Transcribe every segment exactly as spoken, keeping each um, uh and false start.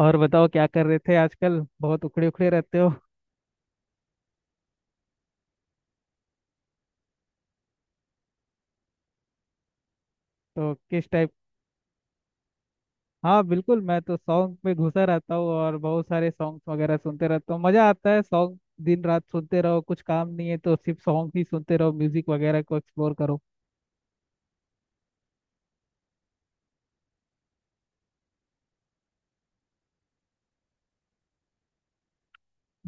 और बताओ क्या कर रहे थे आजकल बहुत उखड़े उखड़े रहते हो। तो किस टाइप। हाँ बिल्कुल, मैं तो सॉन्ग में घुसा रहता हूँ और बहुत सारे सॉन्ग्स वगैरह सुनते रहता हूँ। मजा आता है सॉन्ग। दिन रात सुनते रहो, कुछ काम नहीं है तो सिर्फ सॉन्ग ही सुनते रहो, म्यूजिक वगैरह को एक्सप्लोर करो।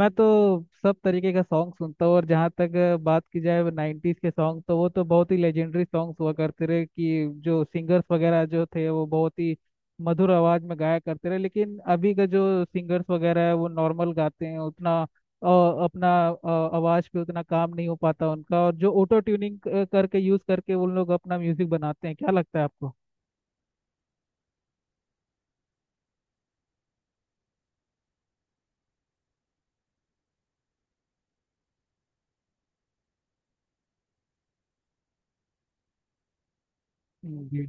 मैं तो सब तरीके का सॉन्ग सुनता हूँ और जहाँ तक बात की जाए नाइन्टीज के सॉन्ग, तो वो तो बहुत ही लेजेंडरी सॉन्ग्स हुआ करते रहे कि जो सिंगर्स वगैरह जो थे वो बहुत ही मधुर आवाज में गाया करते रहे। लेकिन अभी का जो सिंगर्स वगैरह है वो नॉर्मल गाते हैं, उतना अ, अपना अ, आवाज पे उतना काम नहीं हो पाता उनका, और जो ऑटो ट्यूनिंग करके यूज करके उन लोग अपना म्यूजिक बनाते हैं। क्या लगता है आपको। जी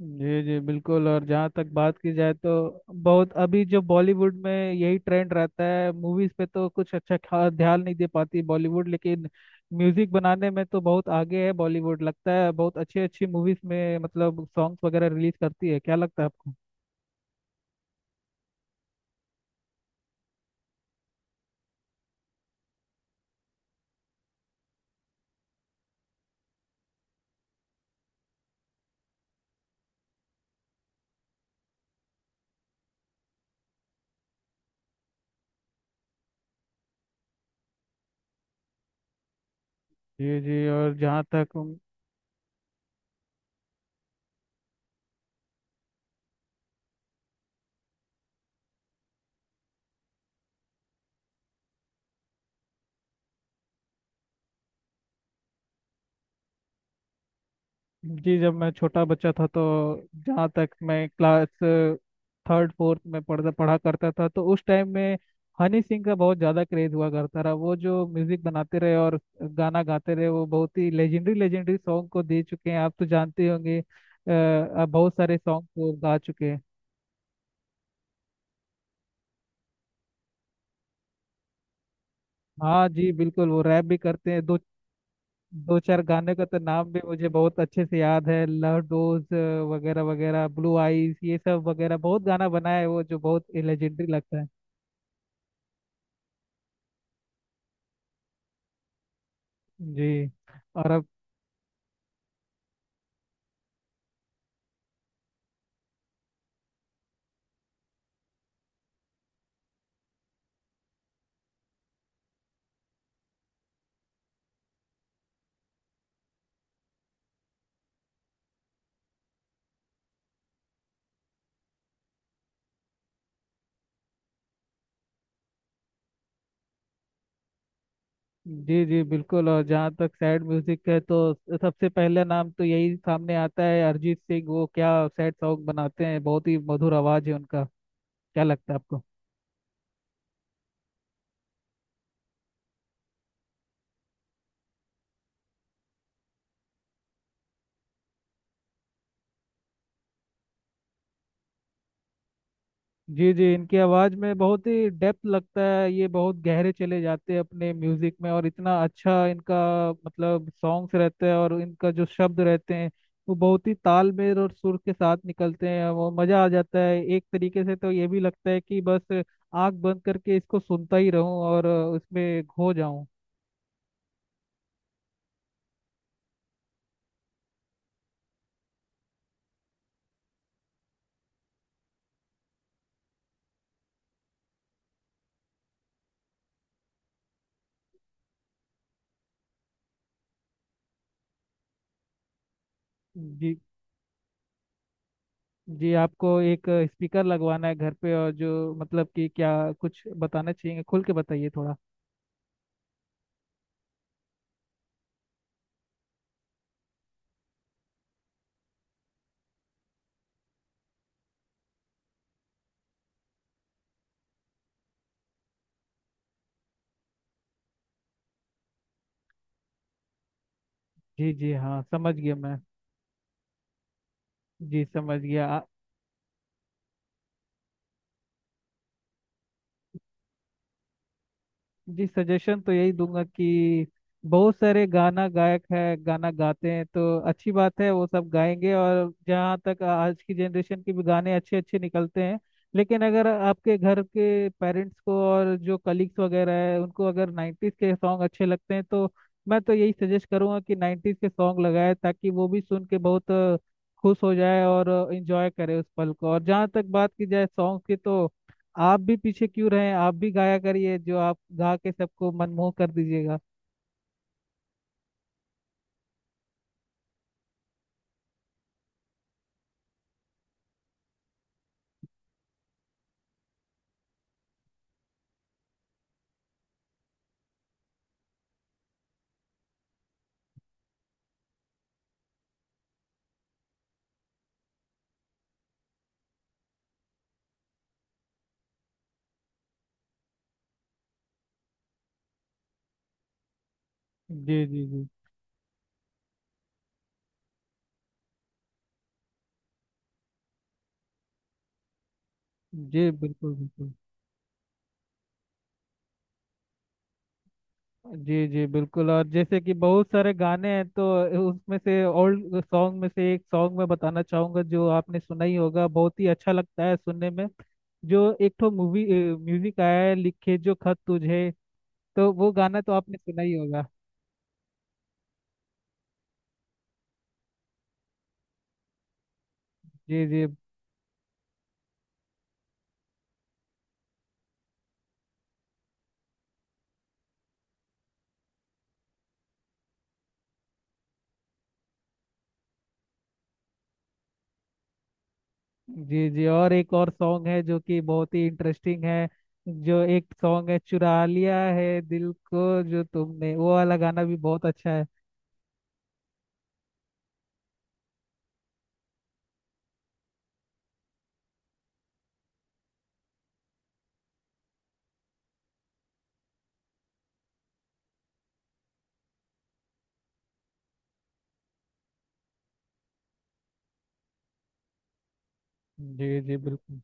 जी। जी बिल्कुल, और जहाँ तक बात की जाए तो बहुत अभी जो बॉलीवुड में यही ट्रेंड रहता है, मूवीज पे तो कुछ अच्छा खा ध्यान नहीं दे पाती बॉलीवुड, लेकिन म्यूजिक बनाने में तो बहुत आगे है बॉलीवुड, लगता है बहुत अच्छी अच्छी मूवीज में मतलब सॉन्ग्स वगैरह रिलीज करती है। क्या लगता है आपको। जी जी। और जहाँ तक जी, जब मैं छोटा बच्चा था तो जहाँ तक मैं क्लास थर्ड फोर्थ में पढ़ता पढ़ा करता था तो उस टाइम में हनी सिंह का बहुत ज़्यादा क्रेज हुआ करता रहा। वो जो म्यूजिक बनाते रहे और गाना गाते रहे वो बहुत ही लेजेंडरी लेजेंडरी सॉन्ग को दे चुके हैं। आप तो जानते होंगे, अ, आप बहुत सारे सॉन्ग को गा चुके हैं। हाँ जी बिल्कुल, वो रैप भी करते हैं। दो दो चार गाने का तो नाम भी मुझे बहुत अच्छे से याद है, लव डोज वगैरह वगैरह, ब्लू आईज, ये सब वगैरह बहुत गाना बना है वो, जो बहुत लेजेंडरी लगता है। जी। और अब जी। जी बिल्कुल, और जहाँ तक सैड म्यूजिक है तो सबसे पहला नाम तो यही सामने आता है अरिजीत सिंह। वो क्या सैड सॉन्ग बनाते हैं, बहुत ही मधुर आवाज है उनका। क्या लगता है आपको। जी जी, इनकी आवाज़ में बहुत ही डेप्थ लगता है, ये बहुत गहरे चले जाते हैं अपने म्यूजिक में, और इतना अच्छा इनका मतलब सॉन्ग्स रहते हैं, और इनका जो शब्द रहते हैं वो बहुत ही तालमेल और सुर के साथ निकलते हैं। वो मज़ा आ जाता है एक तरीके से, तो ये भी लगता है कि बस आंख बंद करके इसको सुनता ही रहूं और उसमें खो जाऊं। जी जी, आपको एक स्पीकर लगवाना है घर पे, और जो मतलब कि क्या कुछ बताना चाहिए, खुल के बताइए थोड़ा। जी जी हाँ, समझ गया मैं। जी समझ गया आ- जी सजेशन तो यही दूंगा कि बहुत सारे गाना गायक है, गाना गाते हैं तो अच्छी बात है, वो सब गाएंगे। और जहाँ तक आज की जनरेशन के भी गाने अच्छे अच्छे निकलते हैं, लेकिन अगर आपके घर के पेरेंट्स को और जो कलीग्स वगैरह है उनको अगर नाइन्टीज के सॉन्ग अच्छे लगते हैं तो मैं तो यही सजेस्ट करूंगा कि नाइन्टीज के सॉन्ग लगाए, ताकि वो भी सुन के बहुत अ, खुश हो जाए और इंजॉय करे उस पल को। और जहाँ तक बात की जाए सॉन्ग की तो आप भी पीछे क्यों रहे, आप भी गाया करिए, जो आप गा के सबको मनमोह कर दीजिएगा। जी जी। जी जी बिल्कुल बिल्कुल। जी जी बिल्कुल, और जैसे कि बहुत सारे गाने हैं तो उसमें से ओल्ड सॉन्ग में से एक सॉन्ग मैं बताना चाहूंगा, जो आपने सुना ही होगा, बहुत ही अच्छा लगता है सुनने में। जो एक तो मूवी म्यूजिक आया है, लिखे जो खत तुझे, तो वो गाना तो आपने सुना ही होगा। जी जी। जी जी और एक और सॉन्ग है जो कि बहुत ही इंटरेस्टिंग है, जो एक सॉन्ग है चुरा लिया है दिल को जो तुमने, वो वाला गाना भी बहुत अच्छा है। जी जी बिल्कुल।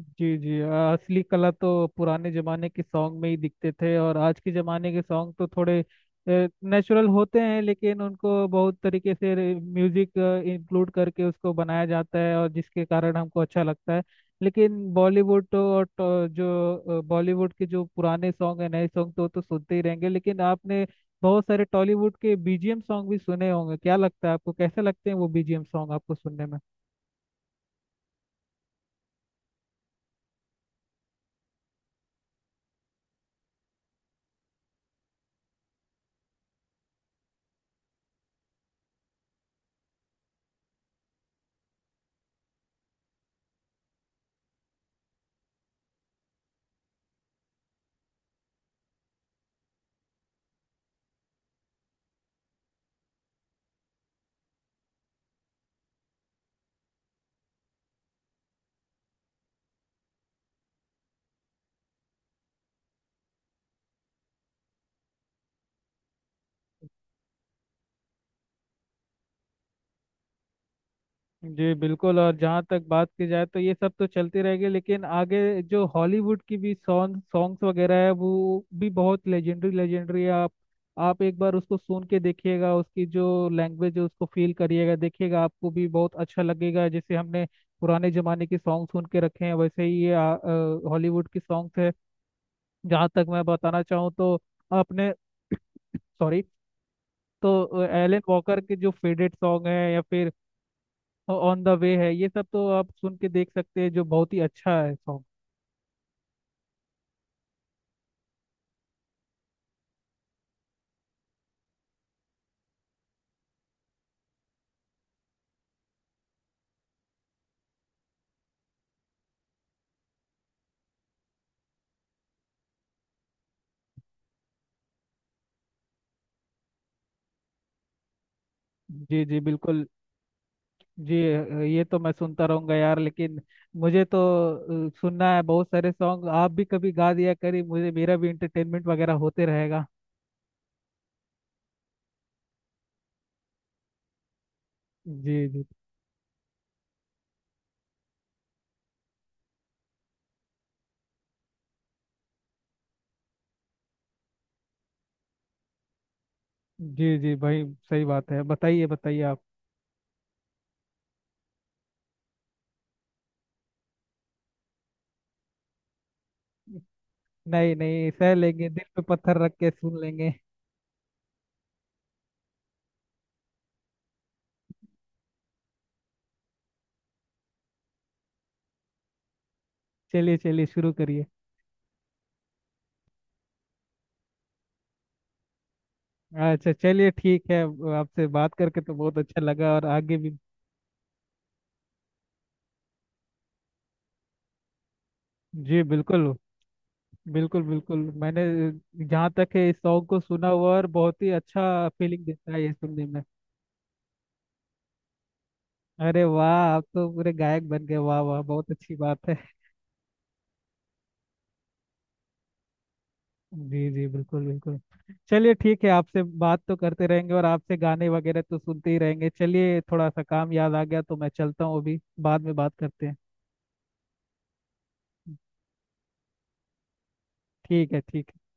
जी जी आ, असली कला तो पुराने जमाने के सॉन्ग में ही दिखते थे, और आज के जमाने के सॉन्ग तो थोड़े नेचुरल होते हैं, लेकिन उनको बहुत तरीके से म्यूजिक इंक्लूड करके उसको बनाया जाता है, और जिसके कारण हमको अच्छा लगता है। लेकिन बॉलीवुड तो, और तो जो बॉलीवुड के जो पुराने सॉन्ग है, नए सॉन्ग तो तो सुनते ही रहेंगे। लेकिन आपने बहुत सारे टॉलीवुड के बीजीएम सॉन्ग भी सुने होंगे, क्या लगता है आपको, कैसे लगते हैं वो बीजीएम सॉन्ग आपको सुनने में। जी बिल्कुल, और जहाँ तक बात की जाए तो ये सब तो चलती रहेगी, लेकिन आगे जो हॉलीवुड की भी सॉन्ग सॉन्ग्स वगैरह है वो भी बहुत लेजेंडरी लेजेंडरी है। आप आप एक बार उसको सुन के देखिएगा, उसकी जो लैंग्वेज है उसको फील करिएगा, देखिएगा आपको भी बहुत अच्छा लगेगा। जैसे हमने पुराने जमाने के सॉन्ग सुन के रखे हैं वैसे ही ये हॉलीवुड की सॉन्ग्स है। जहाँ तक मैं बताना चाहूँ तो अपने सॉरी, तो एलन वॉकर के जो फेवरेट सॉन्ग है या फिर ऑन द वे है, ये सब तो आप सुन के देख सकते हैं, जो बहुत ही अच्छा है सॉन्ग। जी जी बिल्कुल। जी अ, ये तो मैं सुनता रहूंगा यार, लेकिन मुझे तो अ, सुनना है बहुत सारे सॉन्ग, आप भी कभी गा दिया करिए, मुझे मेरा भी इंटरटेनमेंट वगैरह होते रहेगा। जी जी। जी जी भाई, सही बात है, बताइए बताइए आप। नहीं नहीं, सह लेंगे दिल पे पत्थर रख के सुन लेंगे। चलिए चलिए शुरू करिए। अच्छा चलिए ठीक है, आपसे बात करके तो बहुत अच्छा लगा, और आगे भी जी बिल्कुल बिल्कुल बिल्कुल। मैंने जहाँ तक है इस सॉन्ग को सुना हुआ, और बहुत ही अच्छा फीलिंग देता है ये सुनने में। अरे वाह, आप तो पूरे गायक बन गए, वाह वाह, बहुत अच्छी बात है। जी जी बिल्कुल बिल्कुल। चलिए ठीक है, आपसे बात तो करते रहेंगे और आपसे गाने वगैरह तो सुनते ही रहेंगे। चलिए थोड़ा सा काम याद आ गया तो मैं चलता हूँ अभी, बाद में बात करते हैं। ठीक है ठीक है।